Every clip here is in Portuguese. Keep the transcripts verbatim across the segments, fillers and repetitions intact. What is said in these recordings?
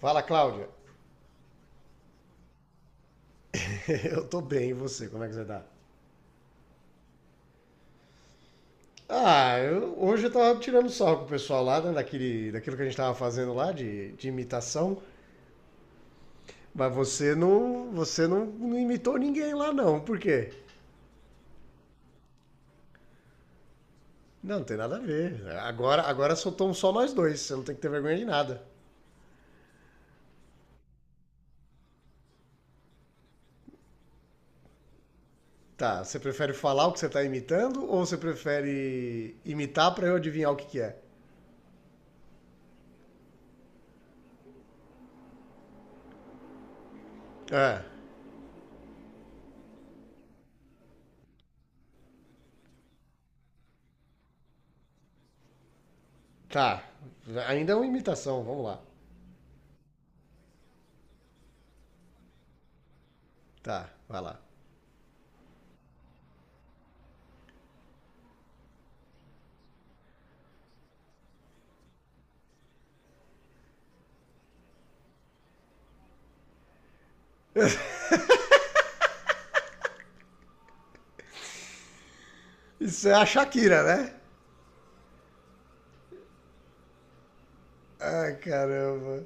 Fala, Cláudia. Eu tô bem, e você? Como é que você tá? Ah, eu- hoje eu tava tirando sarro com o pessoal lá, né, daquele, daquilo que a gente tava fazendo lá de, de imitação, mas você não, você não, não imitou ninguém lá não, por quê? Não, não tem nada a ver. Agora, agora soltamos só nós dois, você não tem que ter vergonha de nada. Tá, você prefere falar o que você tá imitando ou você prefere imitar pra eu adivinhar o que que é? É, tá. Ainda é uma imitação, vamos lá. Tá, vai lá. Isso é a Shakira, né? Ah, caramba.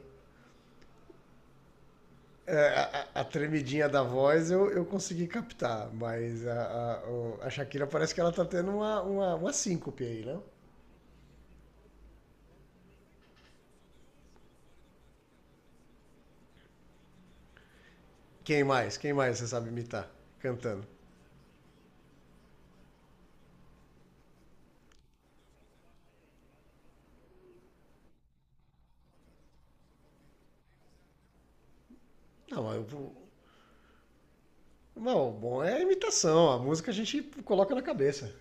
É, a, a- a tremidinha da voz eu, eu consegui captar, mas a, a, o- a Shakira parece que ela tá tendo uma, uma, uma síncope aí, não? Quem mais? Quem mais você sabe imitar cantando? Não, eu, não, Bom, é a imitação, a música a gente coloca na cabeça.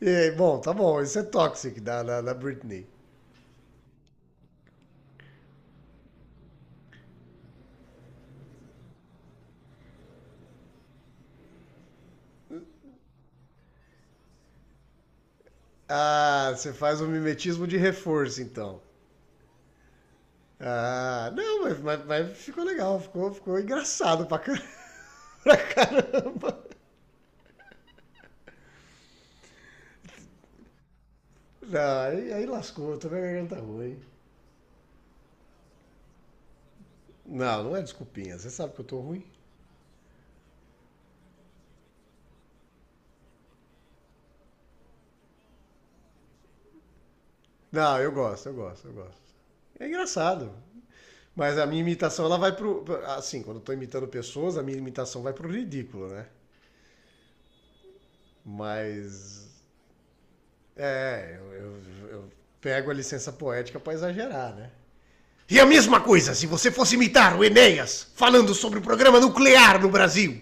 E aí, bom, tá bom, isso é Toxic da, da, da Britney. Ah, você faz um mimetismo de reforço, então. Ah, não, mas, mas, mas ficou legal, ficou, ficou engraçado pra, car- pra caramba. Não, aí, aí lascou, tô com a garganta ruim. Não, não é desculpinha, você sabe que eu tô ruim. Não, eu gosto, eu gosto, eu gosto. É engraçado. Mas a minha imitação, ela vai pro. Assim, quando eu tô imitando pessoas, a minha imitação vai pro ridículo, né? Mas. É, eu, eu- eu pego a licença poética pra exagerar, né? E a mesma coisa se você fosse imitar o Enéas falando sobre o programa nuclear no Brasil.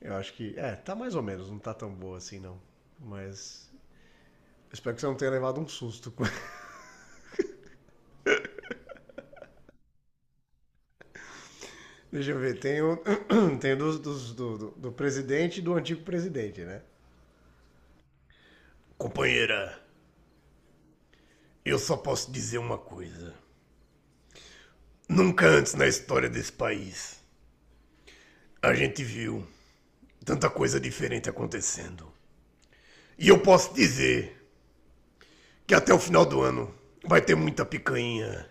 Eu acho que. É, tá mais ou menos, não tá tão boa assim, não. Mas. Eu espero que você não tenha levado um susto com. Deixa eu ver, tem o, tem dos, dos- do, do, do presidente e do antigo presidente, né? Companheira, eu só posso dizer uma coisa. Nunca antes na história desse país a gente viu tanta coisa diferente acontecendo. E eu posso dizer que até o final do ano vai ter muita picanha,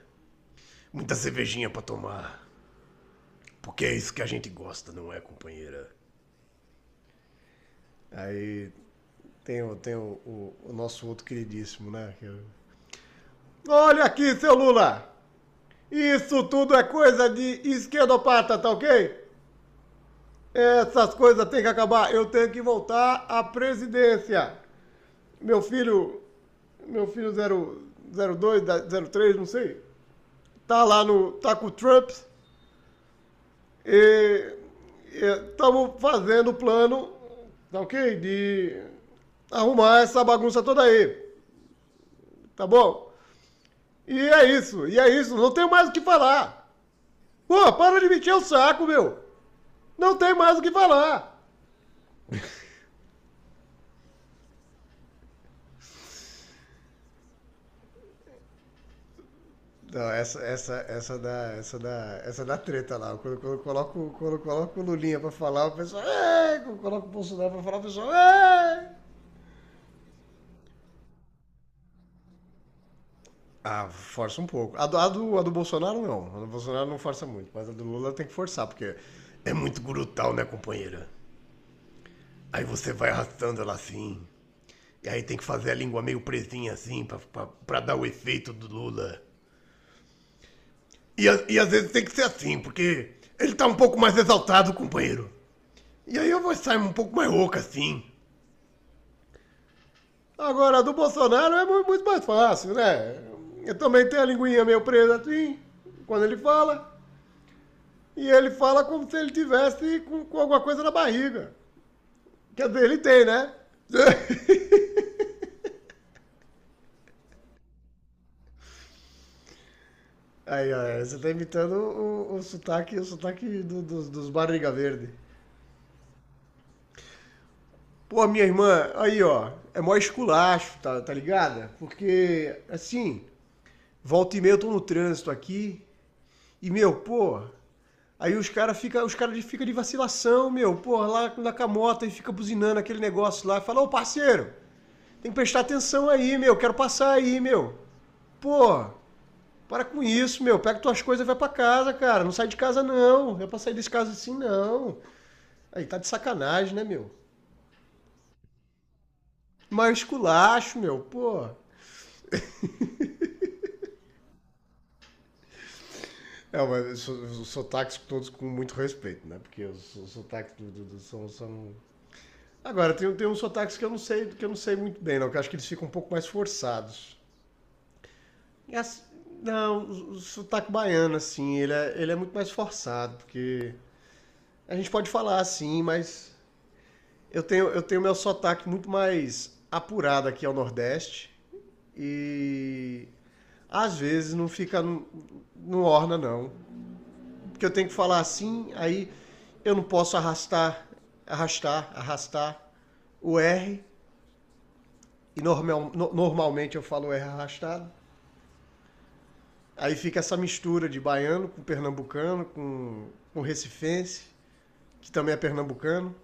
muita cervejinha pra tomar. Porque é isso que a gente gosta, não é, companheira? Aí tem, o, tem o, o, o nosso outro queridíssimo, né? é Olha aqui, seu Lula! Isso tudo é coisa de esquerdopata, tá ok? Essas coisas têm que acabar. Eu tenho que voltar à presidência. Meu filho, meu filho zero dois, zero três, não sei, tá lá no, tá com o Trump e estamos fazendo o plano, tá ok? De arrumar essa bagunça toda aí, tá bom? E é isso, e é isso. Não tem mais o que falar. Pô, para de mentir o saco, meu. Não tem mais o que falar. Não, essa, essa, essa da, essa da, essa da treta lá. Quando, quando eu coloco, quando eu coloco o Lulinha pra falar, o pessoal. "É!" Quando eu coloco o Bolsonaro pra falar, o pessoal. "É!" Ah, força um pouco. A do, a, do, a do Bolsonaro não. A do Bolsonaro não força muito, mas a do Lula tem que forçar, porque é muito brutal, né, companheira? Aí você vai arrastando ela assim. E aí tem que fazer a língua meio presinha assim pra, pra, pra dar o efeito do Lula. E, e às vezes tem que ser assim, porque ele tá um pouco mais exaltado, companheiro. E aí eu vou sair um pouco mais rouca assim. Agora, a do Bolsonaro é muito mais fácil, né? Eu também tenho a linguinha meio presa assim, quando ele fala. E ele fala como se ele tivesse com, com alguma coisa na barriga. Quer dizer, ele tem, né? Aí, ó, você tá imitando o, o sotaque, o sotaque do- dos- dos barriga verde. Pô, minha irmã, aí, ó, é mó esculacho, tá, tá ligada? Porque, assim, volta e meia eu tô no trânsito aqui. E, meu, pô, aí os caras ficam os cara fica de vacilação, meu, pô, lá na camota e fica buzinando aquele negócio lá. Fala, ô parceiro, tem que prestar atenção aí, meu, quero passar aí, meu. Pô, para com isso, meu, pega tuas coisas e vai pra casa, cara. Não sai de casa, não. Não é pra sair desse caso assim, não. Aí tá de sacanagem, né, meu? Mas esculacho, meu, pô. É, mas os sotaques todos com muito respeito, né? Porque os, os sotaques do, do- do- são, são. Agora, tem, tem uns sotaques que eu não sei, que eu não sei, muito bem, não, que eu acho que eles ficam um pouco mais forçados. E as- não, o, o sotaque baiano, assim, ele é, ele é muito mais forçado, porque a gente pode falar assim, mas eu tenho, eu tenho meu sotaque muito mais apurado aqui ao Nordeste e às vezes não fica, no- não orna, não. Porque eu tenho que falar assim, aí eu não posso arrastar, arrastar, arrastar o R e normal, no- normalmente eu falo R arrastado. Aí fica essa mistura de baiano com pernambucano, com, com recifense, que também é pernambucano.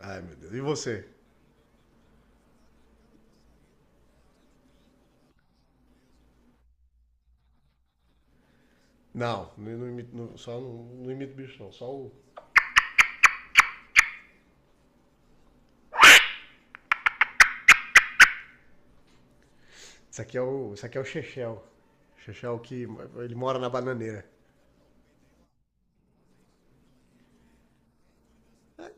Ai, meu Deus. E você? Não, não, não imito, não- só não, não imito bicho, não. Só o... Isso aqui é o, isso aqui é o Chechel. Chechel que ele mora na bananeira. É,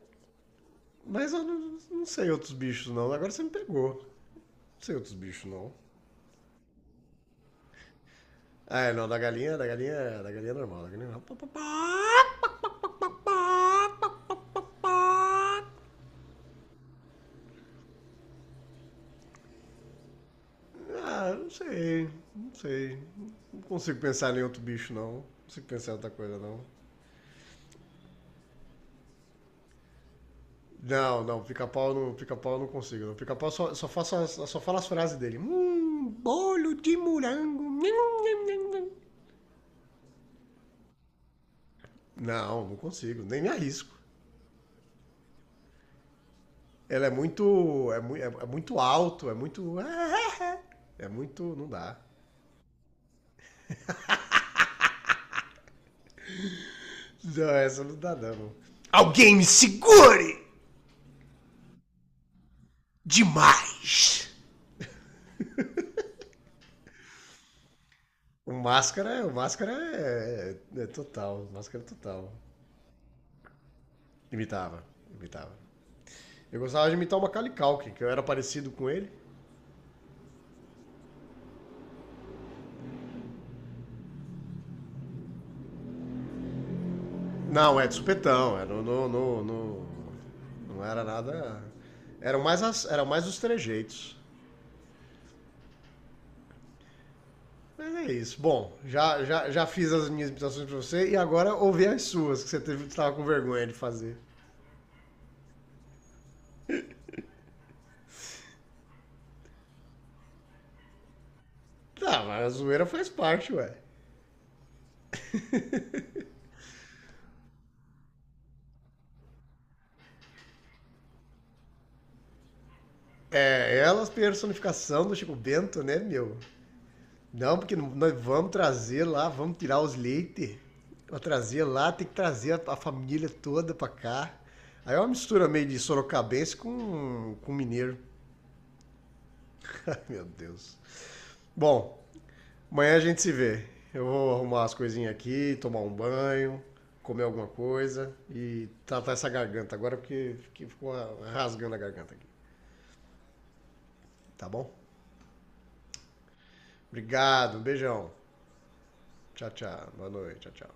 mas eu não, não sei outros bichos, não. Agora você me pegou. Não sei outros bichos, não. Ah, é, não. Da galinha, da galinha, da galinha é normal. Da galinha é normal. Ah, não sei. Não sei. Não consigo pensar em outro bicho, não. Não consigo pensar em outra coisa, não. Não, não, pica-pau não, pica-pau eu não consigo. Não. Pica-pau só, só, faço as- só fala as frases dele. Hum, bolo de morango. Nham, nham, nham, nham." Não, não consigo, nem me arrisco. Ela é muito. É, mu- é, é muito alto, é muito. É é muito. Não dá. Não, essa não dá, não. Alguém me segure! Demais! O Máscara, o Máscara é, é total, o Máscara é total. Imitava, imitava. Eu gostava de imitar o Macaulay Culkin, que eu era parecido com ele. Não, é de supetão, é no, no, no- no- não era nada... Eram mais, as- eram mais os trejeitos. Mas é isso. Bom, já, já, já fiz as minhas imitações pra você e agora ouvi as suas, que você teve, estava com vergonha de fazer. Tá, mas a zoeira faz parte, ué. É, ela a personificação do Chico Bento, né, meu? Não, porque não- nós vamos trazer lá, vamos tirar os leites, vamos trazer lá, tem que trazer a, a família toda pra cá. Aí é uma mistura meio de sorocabense com, com mineiro. Ai, meu Deus. Bom, amanhã a gente se vê. Eu vou arrumar as coisinhas aqui, tomar um banho, comer alguma coisa e tratar essa garganta agora, porque fiquei- ficou rasgando a garganta aqui, tá bom? Obrigado, um beijão. Tchau, tchau. Boa noite, tchau, tchau.